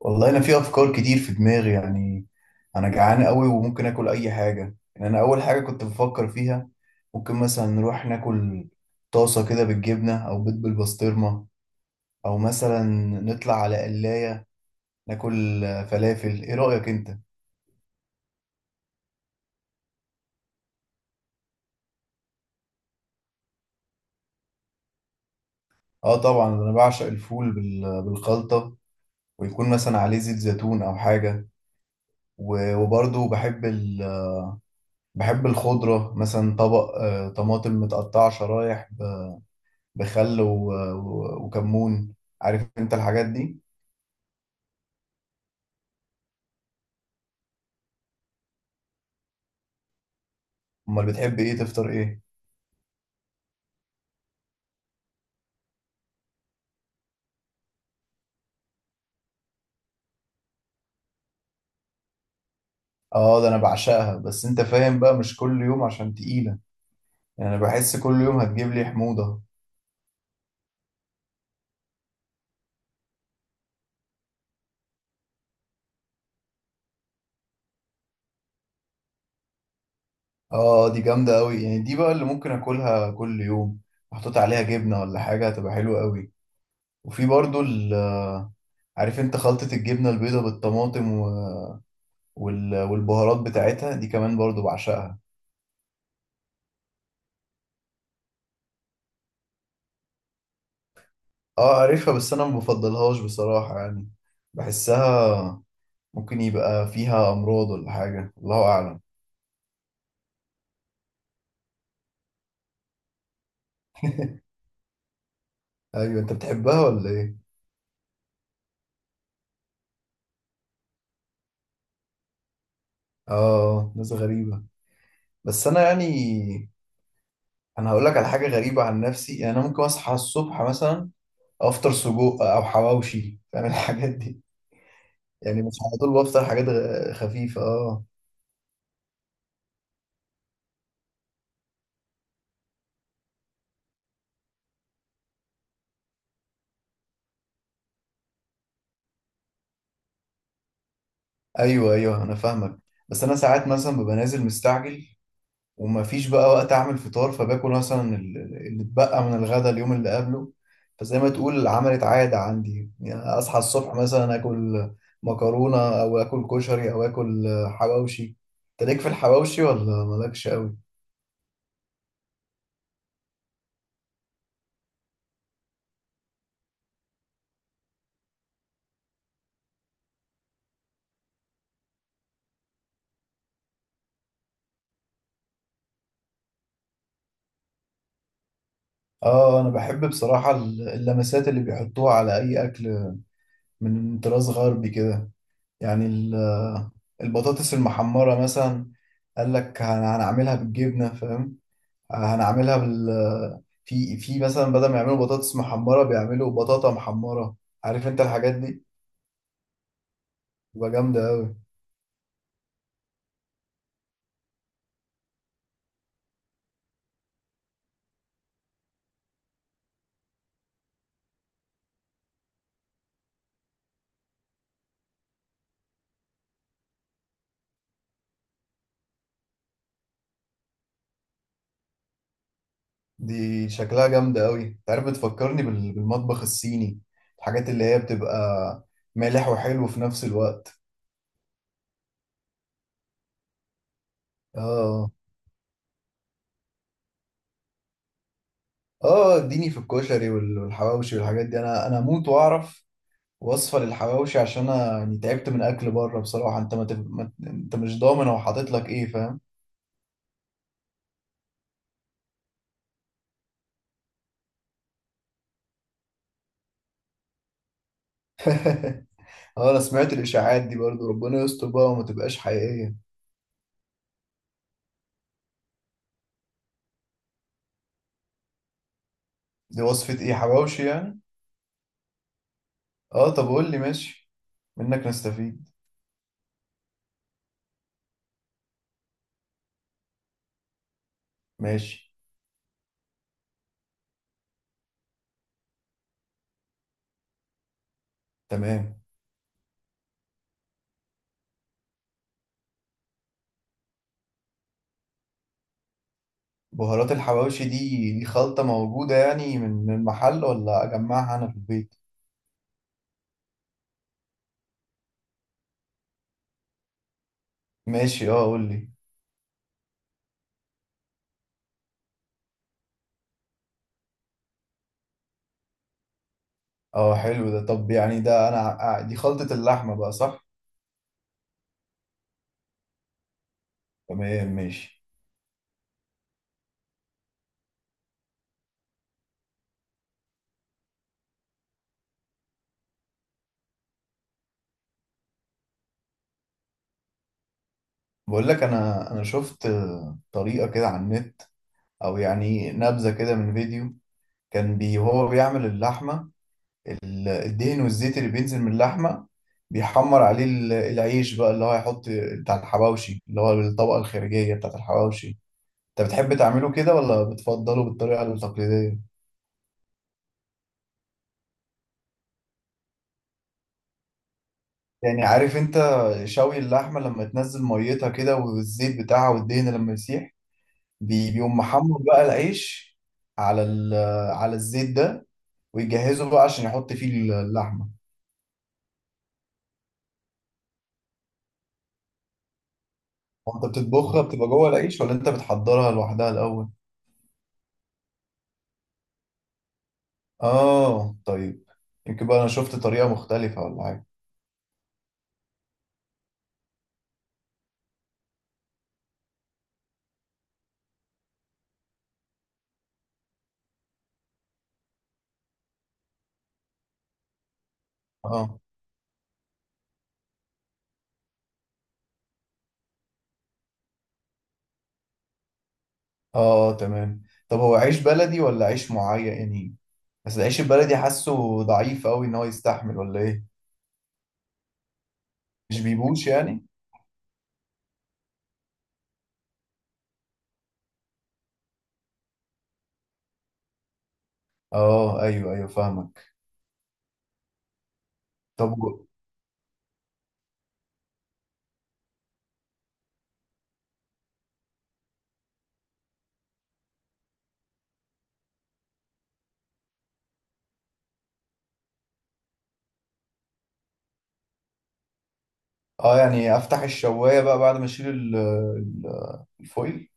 والله انا في افكار كتير في دماغي يعني. انا جعان قوي وممكن اكل اي حاجه، يعني انا اول حاجه كنت بفكر فيها ممكن مثلا نروح ناكل طاسه كده بالجبنه او بيض بالبسطرمه، او مثلا نطلع على قلايه ناكل فلافل. ايه رايك انت؟ اه طبعا، انا بعشق الفول بالخلطه، ويكون مثلا عليه زيت زيتون او حاجه. وبرضه بحب بحب الخضره، مثلا طبق طماطم متقطعه شرايح، بخل وكمون، عارف انت الحاجات دي. امال بتحب ايه؟ تفطر ايه؟ اه ده انا بعشقها، بس انت فاهم بقى مش كل يوم عشان تقيلة، يعني انا بحس كل يوم هتجيب لي حموضة. اه دي جامدة قوي، يعني دي بقى اللي ممكن اكلها كل يوم، محطوط عليها جبنة ولا حاجة هتبقى حلوة قوي. وفي برضو عارف انت خلطة الجبنة البيضاء بالطماطم والبهارات بتاعتها دي كمان برضو بعشقها. اه عارفها، بس انا ما بفضلهاش بصراحة يعني. بحسها ممكن يبقى فيها امراض ولا حاجه، الله اعلم. ايوه انت بتحبها ولا ايه؟ اه ناس غريبه. بس انا يعني انا هقول لك على حاجه غريبه عن نفسي. يعني انا ممكن اصحى الصبح مثلا افطر سجق او حواوشي، فاهم الحاجات دي. يعني مش على طول بفطر حاجات خفيفه. اه، ايوه ايوه انا فاهمك. بس انا ساعات مثلا ببقى نازل مستعجل ومفيش بقى وقت اعمل فطار، فباكل مثلا اللي اتبقى من الغدا اليوم اللي قبله. فزي ما تقول عملت عادة عندي، يعني اصحى الصبح مثلا اكل مكرونة او اكل كشري او اكل حواوشي. انت ليك في الحواوشي ولا مالكش قوي؟ اه انا بحب بصراحة اللمسات اللي بيحطوها على اي اكل من طراز غربي كده. يعني البطاطس المحمرة مثلا، قال لك هنعملها بالجبنة، فاهم. هنعملها في مثلا، بدل ما يعملوا بطاطس محمرة بيعملوا بطاطا محمرة، عارف انت الحاجات دي. تبقى جامدة أوي. دي شكلها جامدة أوي. انت عارف بتفكرني بالمطبخ الصيني، الحاجات اللي هي بتبقى مالح وحلو في نفس الوقت. اه اه، اديني في الكشري والحواوشي والحاجات دي. انا اموت واعرف وصفة للحواوشي، عشان انا يعني تعبت من اكل بره بصراحة. انت ما, تف... ما... انت مش ضامن هو حاطط لك ايه، فاهم. اه انا سمعت الاشاعات دي برضو، ربنا يستر بقى وما تبقاش حقيقية. دي وصفة ايه؟ حواوشي يعني؟ اه طب قول لي، ماشي، منك نستفيد. ماشي. تمام. بهارات الحواوشي دي، خلطة موجودة يعني من المحل ولا اجمعها انا في البيت؟ ماشي، اه قول لي. اه حلو ده. طب يعني ده انا دي خلطة اللحمة بقى، صح؟ تمام ماشي. بقول لك انا شفت طريقة كده على النت، او يعني نبذة كده من فيديو. كان هو بيعمل اللحمة، الدهن والزيت اللي بينزل من اللحمة بيحمر عليه العيش بقى، اللي هو هيحط بتاع الحواوشي، اللي هو الطبقة الخارجية بتاعت الحواوشي. انت بتحب تعمله كده ولا بتفضله بالطريقة التقليدية؟ يعني عارف انت، شوي اللحمة لما تنزل ميتها كده والزيت بتاعها والدهن لما يسيح، بيقوم محمر بقى العيش على على الزيت ده، ويجهزه بقى عشان يحط فيه اللحمة. هو انت بتطبخها بتبقى جوه العيش، ولا انت بتحضرها لوحدها الأول؟ اه طيب. يمكن بقى انا شفت طريقة مختلفة ولا حاجة. اه اه تمام. طب هو عيش بلدي ولا عيش معين يعني؟ بس العيش البلدي حاسه ضعيف قوي، ان هو يستحمل ولا ايه؟ مش بيبوش يعني. اه ايوه ايوه فاهمك. طب اه يعني افتح الشواية بقى بعد ما اشيل الفويل.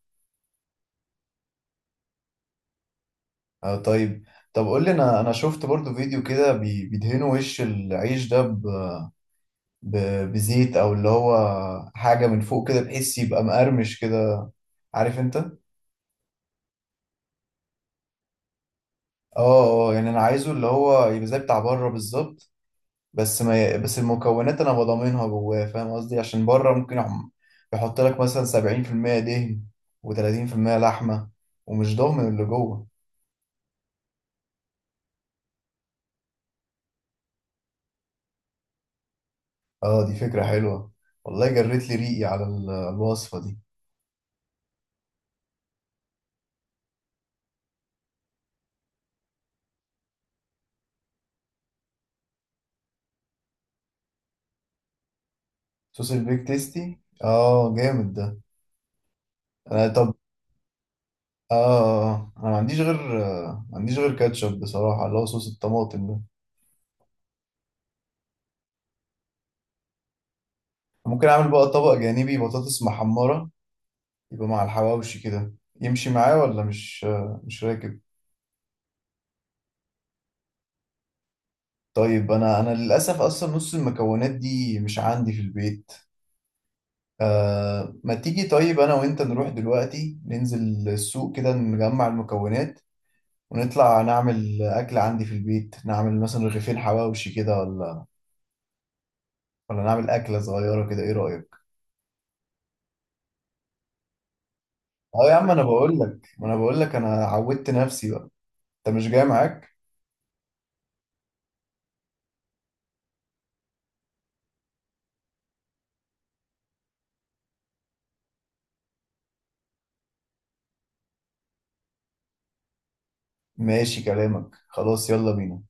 اه طيب. طب قول لي، انا شفت برضو فيديو كده بيدهنوا وش العيش ده بزيت، او اللي هو حاجة من فوق كده بحيث يبقى مقرمش كده، عارف انت. اه اه، يعني انا عايزه اللي هو يبقى زي بتاع بره بالظبط، بس ما ي... بس المكونات انا بضمنها جواه، فاهم قصدي، عشان بره ممكن يحط لك مثلا 70% دهن و30% لحمه، ومش ضامن اللي جوه. اه دي فكره حلوه، والله جريت لي ريقي على الوصفه دي. صوص البيك تيستي، اه جامد ده. انا طب، اه انا ما عنديش غير كاتشب بصراحه، اللي هو صوص الطماطم ده. ممكن اعمل بقى طبق جانبي بطاطس محمره يبقى مع الحواوشي كده. يمشي معاه ولا مش راكب؟ طيب انا للاسف اصلا نص المكونات دي مش عندي في البيت. آه، ما تيجي طيب انا وانت نروح دلوقتي، ننزل السوق كده نجمع المكونات ونطلع نعمل اكل عندي في البيت. نعمل مثلا رغيفين حواوشي كده، ولا نعمل اكله صغيره كده، ايه رايك؟ اه يا عم انا بقول لك، ما انا بقول لك انا عودت نفسي بقى. انت مش جاي معاك؟ ماشي كلامك، خلاص يلا بينا.